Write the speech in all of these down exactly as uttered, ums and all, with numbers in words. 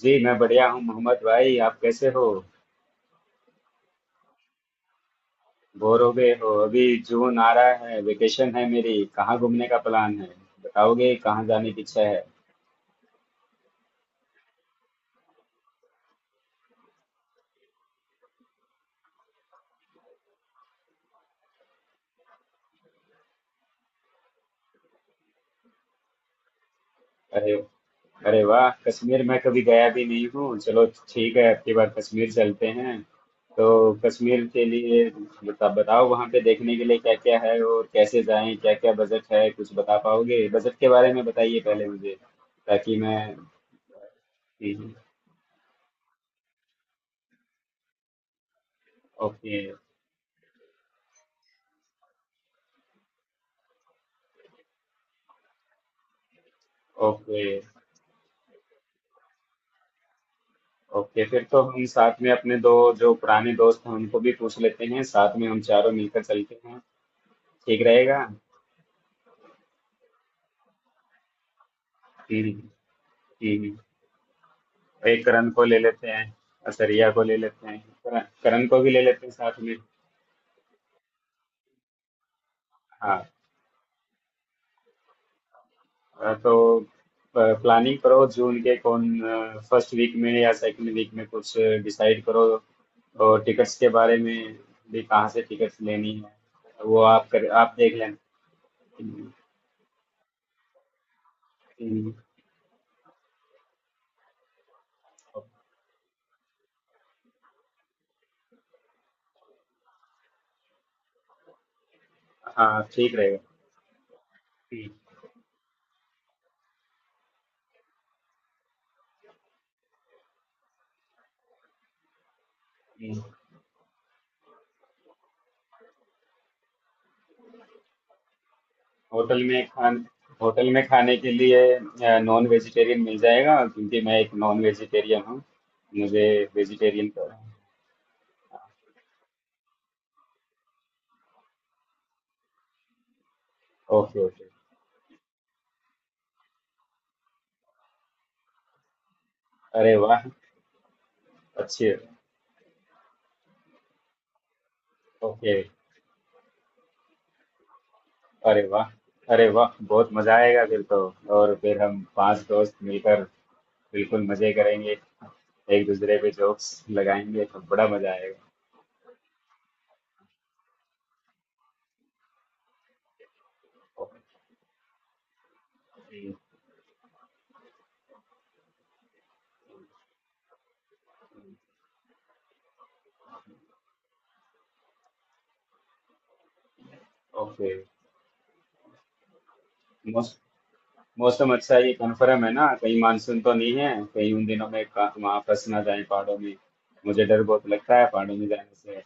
जी मैं बढ़िया हूँ मोहम्मद भाई, आप कैसे हो। बोर हो गए हो अभी। जून आ रहा है, वेकेशन है मेरी, कहाँ घूमने का प्लान है। बताओगे कहाँ जाने की इच्छा है। अरे, अरे वाह, कश्मीर मैं कभी गया भी नहीं हूँ। चलो ठीक है, अगली बार कश्मीर चलते हैं। तो कश्मीर के लिए बता बताओ वहाँ पे देखने के लिए क्या क्या है और कैसे जाएं, क्या क्या बजट है, कुछ बता पाओगे, बजट के बारे में बताइए पहले मुझे, ताकि मैं। हम्म। Okay okay. ओके, फिर तो हम साथ में अपने दो जो पुराने दोस्त हैं उनको भी पूछ लेते हैं, साथ में हम चारों मिलकर चलते हैं। ठीक रहेगा। हम्म। हम्म। एक करण को ले लेते हैं और सरिया को ले लेते हैं। करण करण को भी ले लेते हैं साथ में। हाँ। अ, तो प्लानिंग करो, जून के कौन फर्स्ट वीक में या सेकंड वीक में कुछ डिसाइड करो। और टिकट्स के बारे में भी, कहाँ से टिकट्स लेनी है वो आप कर आप देख लेना। हम्म। हम्म। हाँ ठीक रहेगा। ठीक है। होटल में खान होटल में खाने के लिए नॉन वेजिटेरियन मिल जाएगा, क्योंकि मैं एक नॉन वेजिटेरियन हूँ। मुझे वेजिटेरियन का। Okay okay. अरे वाह, अच्छी। ओके, अरे वाह, अरे वाह, बहुत मजा आएगा फिर तो। और फिर हम पांच दोस्त मिलकर बिल्कुल मजे करेंगे, एक दूसरे पे जोक्स लगाएंगे तो बड़ा मजा आएगा। Okay okay. मौसम अच्छा है, ये कन्फर्म है ना, कहीं मानसून तो नहीं है, कहीं उन दिनों में का- वहां फंस ना जाए पहाड़ों में। मुझे डर बहुत लगता है पहाड़ों में जाने से।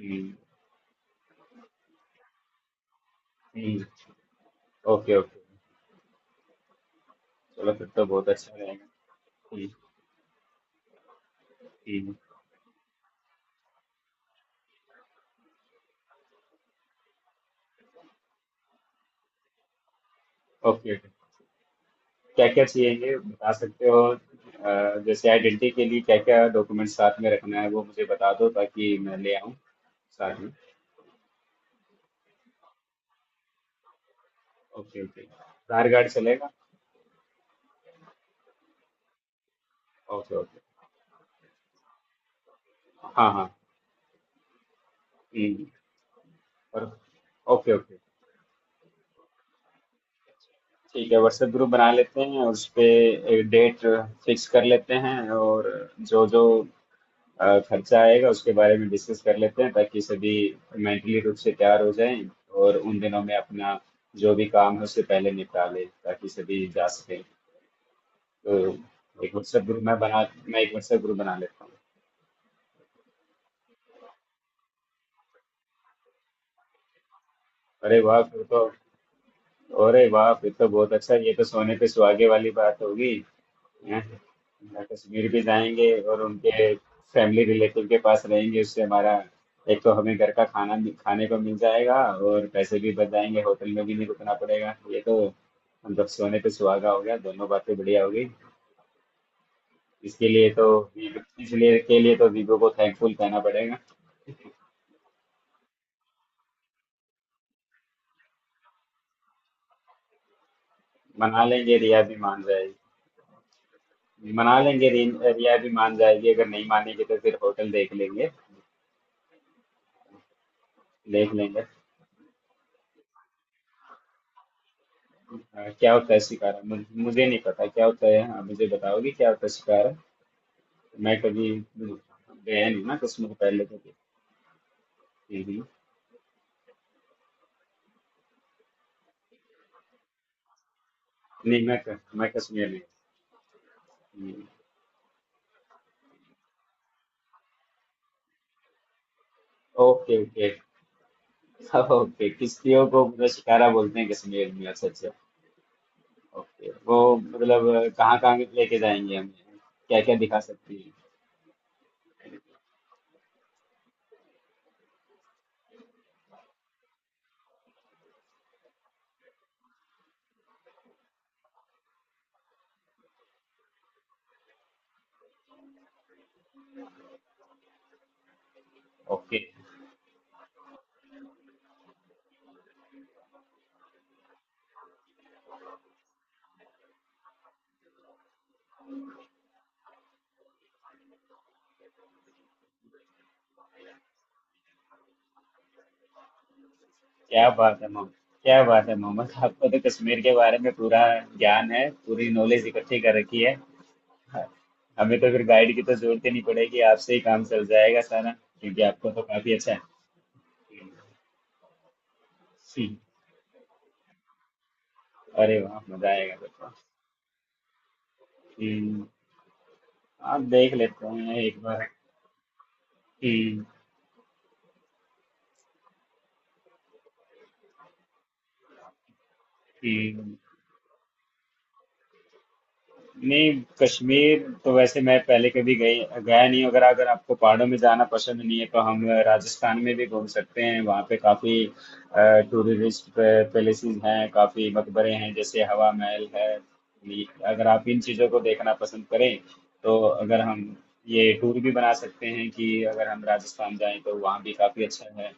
हम्म। हम्म। ओके ओके, चलो फिर तो बहुत अच्छा रहेगा। हम्म। हम्म। ओके ओके, क्या क्या चाहिए ये बता सकते हो। अ, जैसे आइडेंटिटी के लिए क्या क्या डॉक्यूमेंट साथ में रखना है वो मुझे बता दो, ताकि मैं ले आऊँ साथ में। ओके ओके, आधार कार्ड चलेगा। Okay okay. हाँ हाँ। हम्म। और। Okay okay. ठीक है, व्हाट्सएप ग्रुप बना लेते हैं और उस पे एक डेट फिक्स कर लेते हैं, और जो जो अ, खर्चा आएगा उसके बारे में डिस्कस कर लेते हैं ताकि सभी मेंटली रूप से तैयार हो जाएं, और उन दिनों में अपना जो भी काम है उससे पहले निपटा लें ताकि सभी जा सके। तो एक व्हाट्सएप ग्रुप मैं बना, मैं एक व्हाट्सएप ग्रुप बना लेता हूँ। अरे वाह, फिर तो, अरे बाप, ये तो बहुत अच्छा, ये तो सोने पे सुहागे वाली बात होगी। हैं? ना, कश्मीर भी जाएंगे और उनके फैमिली रिलेटिव के पास रहेंगे, उससे हमारा एक तो हमें घर का खाना भी- खाने को मिल जाएगा, और पैसे भी बच जाएंगे, होटल में भी नहीं रुकना पड़ेगा, ये तो मतलब सोने पे सुहागा हो गया, दोनों बातें बढ़िया हो गई। इसके लिए तो, इसलिए के लिए तो वीवो को थैंकफुल कहना पड़ेगा। मना लेंगे, रिया भी मान जाएगी। मना लेंगे, रि- रिया भी मान जाएगी। अगर नहीं मानेगी तो फिर होटल देख लेंगे, देख लेंगे। हाँ, क्या होता है शिकारा, मुझ- मुझे नहीं पता क्या होता है। हाँ मुझे बताओगी क्या होता है शिकारा। मैं कभी गया नहीं ना कश्मीर पहले कभी। हम्म। नहीं, मैं क- मैं कश्मीर नहीं। हम्म। Okay okay. हाँ, ओके, किश्तियों को मतलब शिकारा बोलते हैं कश्मीर में, अच्छा अच्छा। ओके वो मतलब कहाँ कहाँ लेके जाएंगे हमें, क्या क्या दिखा सकती है। ओके। क्या बात है मोहम्मद, क्या बात है मोहम्मद, आपको तो कश्मीर के बारे में पूरा ज्ञान है, पूरी नॉलेज इकट्ठी कर रखी है। हाँ, हमें तो फिर गाइड की तो जरूरत ही नहीं पड़ेगी, आपसे ही काम चल जाएगा सारा, क्योंकि आपको तो काफी अच्छा है। हम्म। अरे वाह, मजा आएगा फिर तो। हम्म। आप देख लेते हैं एक बार। हम्म। हम्म। नहीं, कश्मीर तो वैसे मैं पहले कभी गई, गया नहीं हूं। अगर अगर आपको पहाड़ों में जाना पसंद नहीं है तो हम राजस्थान में भी घूम सकते हैं, वहाँ पे काफी टूरिस्ट पैलेसेस हैं, काफी मकबरे हैं, जैसे हवा महल है। ये- अगर आप इन चीजों को देखना पसंद करें तो अगर हम ये टूर भी बना सकते हैं, कि अगर हम राजस्थान जाएं तो वहाँ भी काफी अच्छा है।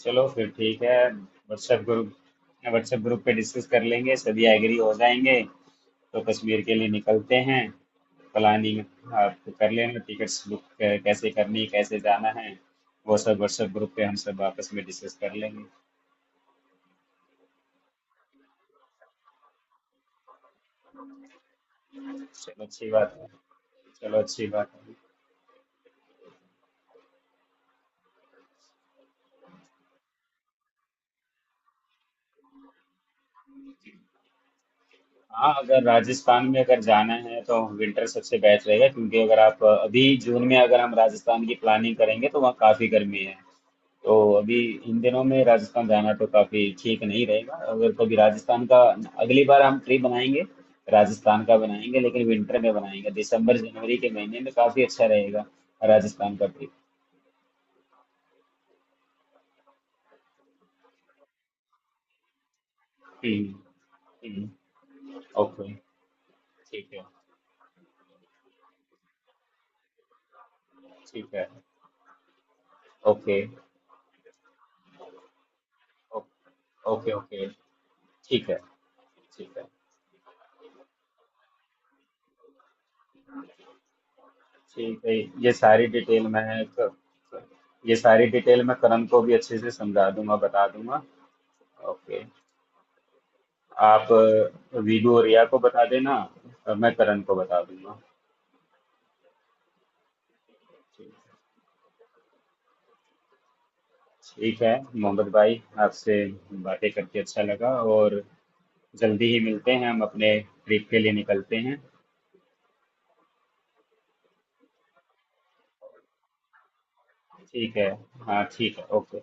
चलो फिर ठीक है, व्हाट्सएप ग्रुप, व्हाट्सएप ग्रुप पे डिस्कस कर लेंगे, सभी एग्री हो जाएंगे तो कश्मीर के लिए निकलते हैं। प्लानिंग आप कर लेना, टिकट्स बुक कैसे करनी, कैसे जाना है, वो सब व्हाट्सएप ग्रुप पे हम सब आपस में डिस्कस कर लेंगे। चलो अच्छी बात है, चलो अच्छी बात है। हाँ अगर राजस्थान में अगर जाना है तो विंटर सबसे बेस्ट रहेगा, क्योंकि अगर आप अभी जून में अगर हम राजस्थान की प्लानिंग करेंगे तो वहाँ काफ़ी गर्मी है। तो अभी इन दिनों में राजस्थान जाना तो काफी ठीक नहीं रहेगा। अगर कभी राजस्थान का, अगली बार हम ट्रिप बनाएंगे राजस्थान का बनाएंगे, लेकिन विंटर में बनाएंगे, दिसंबर जनवरी के महीने में काफी अच्छा रहेगा राजस्थान का ट्रिप। हम्म। हम्म। ओके। ठीक है। ठीक है। ओके। ओ- ओके ओके। ठीक है। ठीक है। ठीक है, ये सारी डिटेल मैं, क- ये सारी डिटेल मैं करण को भी अच्छे से समझा दूंगा, बता दूंगा। ओके, आप अ, वीडू और रिया को बता देना, और मैं करण को बता दूंगा। ठीक है मोहम्मद भाई, आपसे बातें करके अच्छा लगा, और जल्दी ही मिलते हैं हम, अपने ट्रिप के लिए निकलते हैं। ठीक है। हाँ ठीक है, ओके।